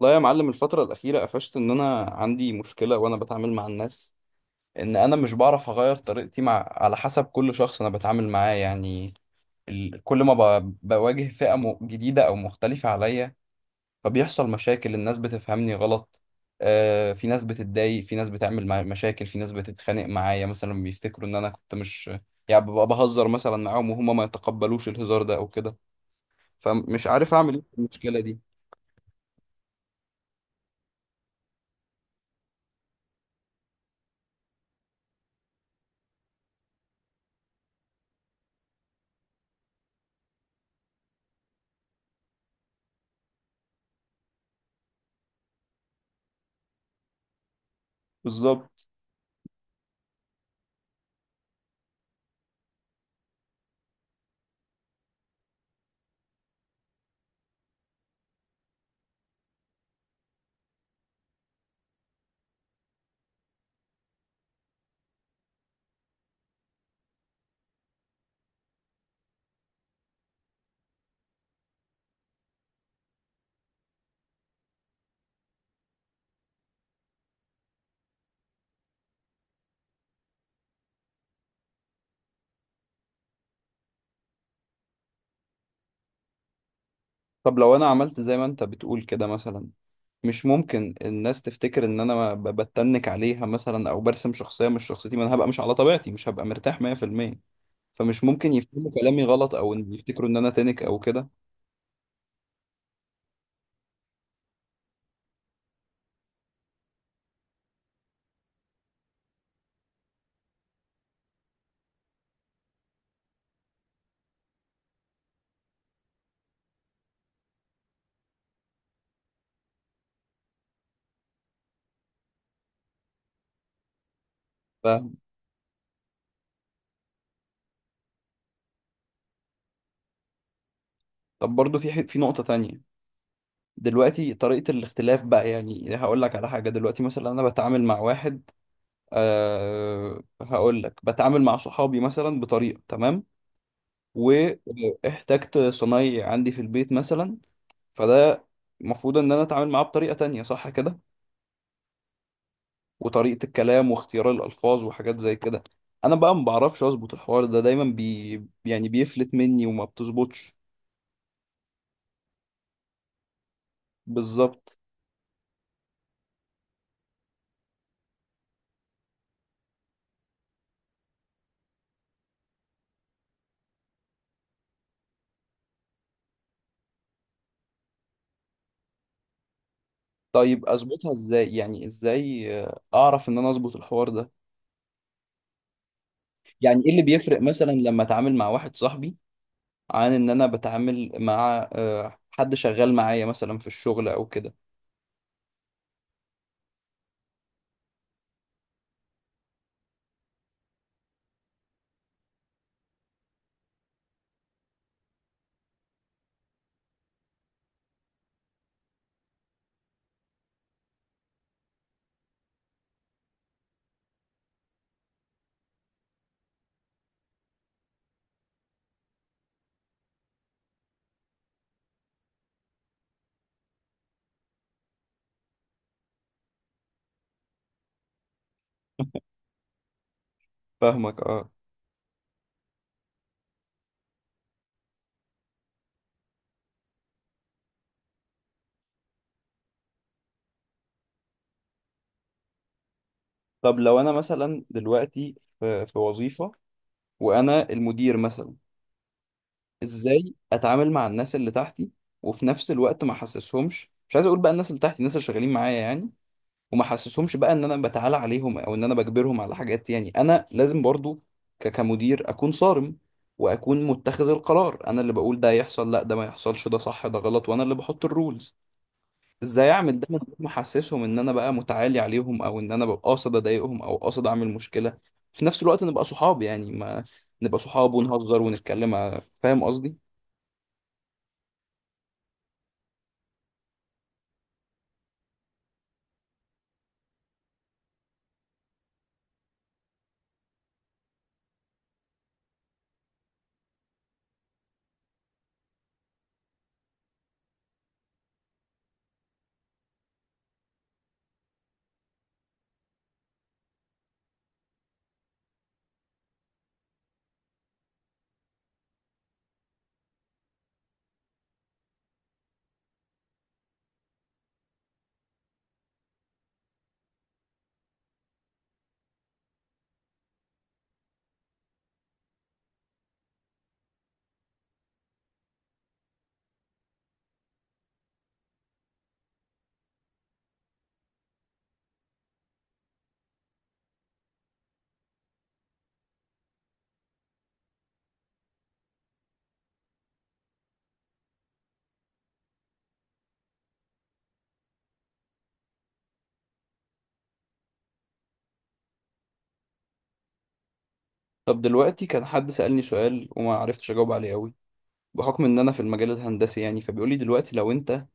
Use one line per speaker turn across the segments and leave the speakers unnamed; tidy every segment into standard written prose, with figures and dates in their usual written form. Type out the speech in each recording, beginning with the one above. لا يا معلم، الفترة الأخيرة قفشت إن أنا عندي مشكلة وأنا بتعامل مع الناس. إن أنا مش بعرف أغير طريقتي مع على حسب كل شخص أنا بتعامل معاه، يعني كل ما بواجه فئة جديدة أو مختلفة عليا فبيحصل مشاكل، الناس بتفهمني غلط. آه، في ناس بتتضايق، في ناس بتعمل مشاكل، في ناس بتتخانق معايا. مثلا بيفتكروا إن أنا كنت مش، يعني ببقى بهزر مثلا معاهم وهما ما يتقبلوش الهزار ده أو كده، فمش عارف أعمل إيه في المشكلة دي. بالظبط. طب لو أنا عملت زي ما أنت بتقول كده مثلا، مش ممكن الناس تفتكر ان انا بتنك عليها مثلا او برسم شخصيه مش شخصيتي؟ ما انا هبقى مش على طبيعتي، مش هبقى مرتاح 100%، فمش ممكن يفهموا كلامي غلط او ان يفتكروا ان انا تنك او كده؟ ف طب برضه في في نقطه تانية. دلوقتي طريقه الاختلاف بقى، يعني هقول لك على حاجه. دلوقتي مثلا انا بتعامل مع واحد، هقول لك بتعامل مع صحابي مثلا بطريقه تمام، واحتجت صنايعي عندي في البيت مثلا، فده المفروض ان انا اتعامل معاه بطريقه تانية، صح كده؟ وطريقة الكلام واختيار الألفاظ وحاجات زي كده، أنا بقى ما بعرفش أظبط الحوار ده، دايما بي يعني بيفلت مني وما بتظبطش. بالظبط. طيب أظبطها إزاي؟ يعني إزاي أعرف إن أنا أظبط الحوار ده؟ يعني إيه اللي بيفرق مثلا لما أتعامل مع واحد صاحبي عن إن أنا بتعامل مع حد شغال معايا مثلا في الشغل أو كده؟ فاهمك، اه. طب لو انا مثلا دلوقتي في وظيفة وانا المدير مثلا، ازاي اتعامل مع الناس اللي تحتي؟ وفي نفس الوقت ما احسسهمش، مش عايز اقول بقى الناس اللي تحتي، الناس اللي شغالين معايا يعني، وما احسسهمش بقى ان انا بتعالى عليهم او ان انا بجبرهم على حاجات. يعني انا لازم برضو كمدير اكون صارم، واكون متخذ القرار، انا اللي بقول ده يحصل، لا ده ما يحصلش، ده صح ده غلط، وانا اللي بحط الرولز. ازاي اعمل ده من غير ما احسسهم ان انا بقى متعالي عليهم او ان انا ببقى قاصد اضايقهم او قاصد اعمل مشكلة؟ في نفس الوقت نبقى صحاب يعني، ما نبقى صحاب ونهزر ونتكلم، فاهم قصدي؟ طب دلوقتي كان حد سألني سؤال وما عرفتش أجاوب عليه قوي، بحكم إن أنا في المجال الهندسي. يعني فبيقول لي دلوقتي لو أنت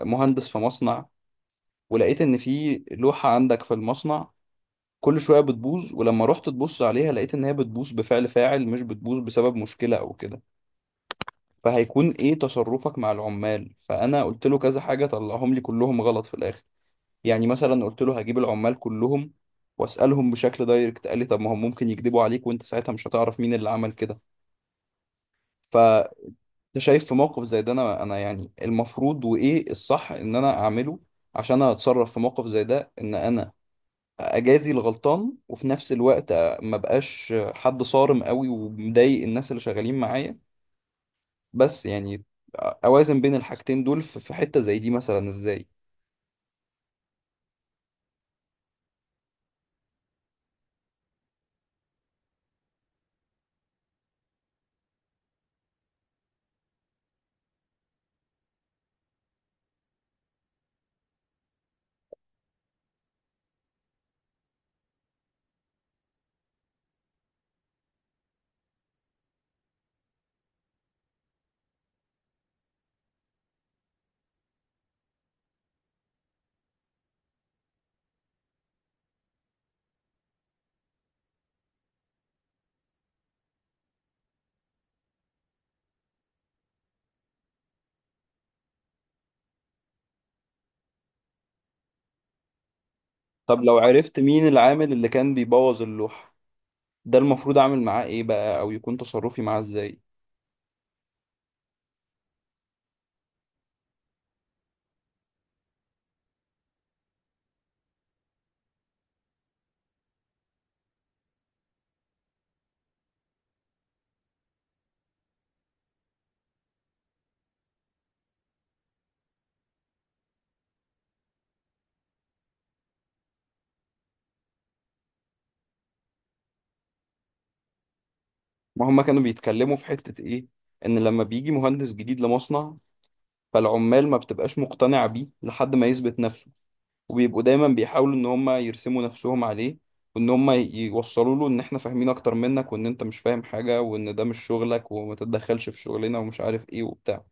مهندس في مصنع ولقيت إن في لوحة عندك في المصنع كل شوية بتبوظ، ولما رحت تبص عليها لقيت إن هي بتبوظ بفعل فاعل مش بتبوظ بسبب مشكلة أو كده، فهيكون إيه تصرفك مع العمال؟ فأنا قلت له كذا حاجة طلعهم لي كلهم غلط في الآخر. يعني مثلا قلت له هجيب العمال كلهم وأسألهم بشكل دايركت، قال لي طب ما هم ممكن يكذبوا عليك وأنت ساعتها مش هتعرف مين اللي عمل كده. ف انت شايف في موقف زي ده انا يعني المفروض وايه الصح ان انا اعمله عشان اتصرف في موقف زي ده، ان انا اجازي الغلطان وفي نفس الوقت ما بقاش حد صارم قوي ومضايق الناس اللي شغالين معايا؟ بس يعني اوازن بين الحاجتين دول في حتة زي دي مثلا ازاي؟ طب لو عرفت مين العامل اللي كان بيبوظ اللوحة ده، المفروض اعمل معاه ايه بقى او يكون تصرفي معاه ازاي؟ ما هما كانوا بيتكلموا في حتة ايه، ان لما بيجي مهندس جديد لمصنع فالعمال ما بتبقاش مقتنعة بيه لحد ما يثبت نفسه، وبيبقوا دايما بيحاولوا ان هم يرسموا نفسهم عليه، وان هم يوصلوا له ان احنا فاهمين اكتر منك وان انت مش فاهم حاجة وان ده مش شغلك وما تتدخلش في شغلنا ومش عارف ايه وبتاع.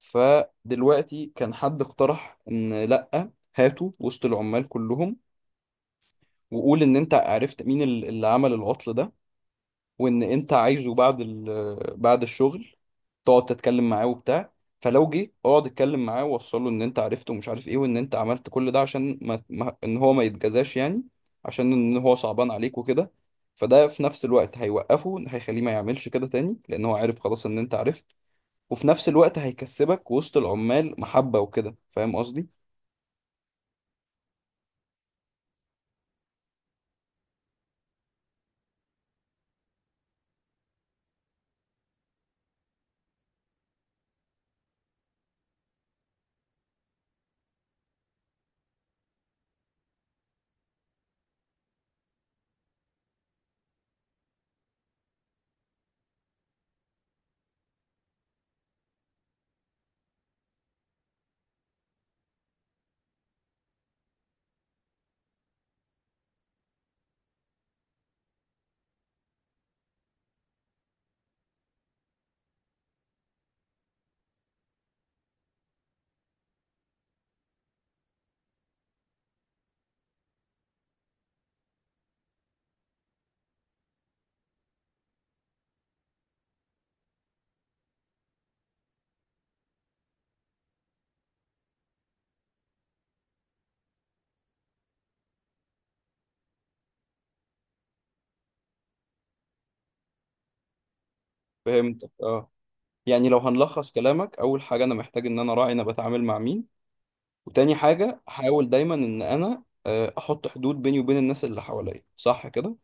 فدلوقتي كان حد اقترح ان لأ، هاتوا وسط العمال كلهم وقول ان انت عرفت مين اللي عمل العطل ده، وان انت عايزه بعد بعد الشغل تقعد تتكلم معاه وبتاع. فلو جه اقعد اتكلم معاه ووصله ان انت عرفته ومش عارف ايه، وان انت عملت كل ده عشان ما... ما... ان هو ما يتجزاش يعني، عشان ان هو صعبان عليك وكده، فده في نفس الوقت هيوقفه، هيخليه ما يعملش كده تاني لان هو عارف خلاص ان انت عرفت، وفي نفس الوقت هيكسبك وسط العمال محبة وكده، فاهم قصدي؟ فهمتك، اه. يعني لو هنلخص كلامك، اول حاجة انا محتاج ان انا راعي انا بتعامل مع مين، وتاني حاجة احاول دايما ان انا احط حدود بيني وبين الناس اللي حواليا، صح كده؟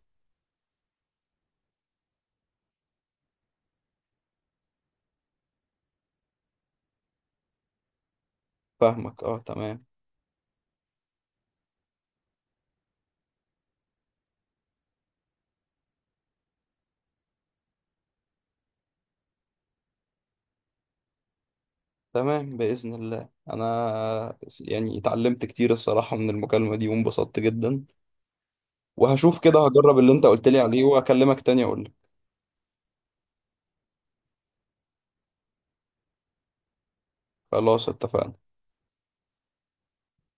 فاهمك، اه، تمام. تمام بإذن الله، انا يعني اتعلمت كتير الصراحة من المكالمة دي وانبسطت جدا، وهشوف كده، هجرب اللي انت قلت لي عليه واكلمك تاني اقول لك. خلاص، اتفقنا.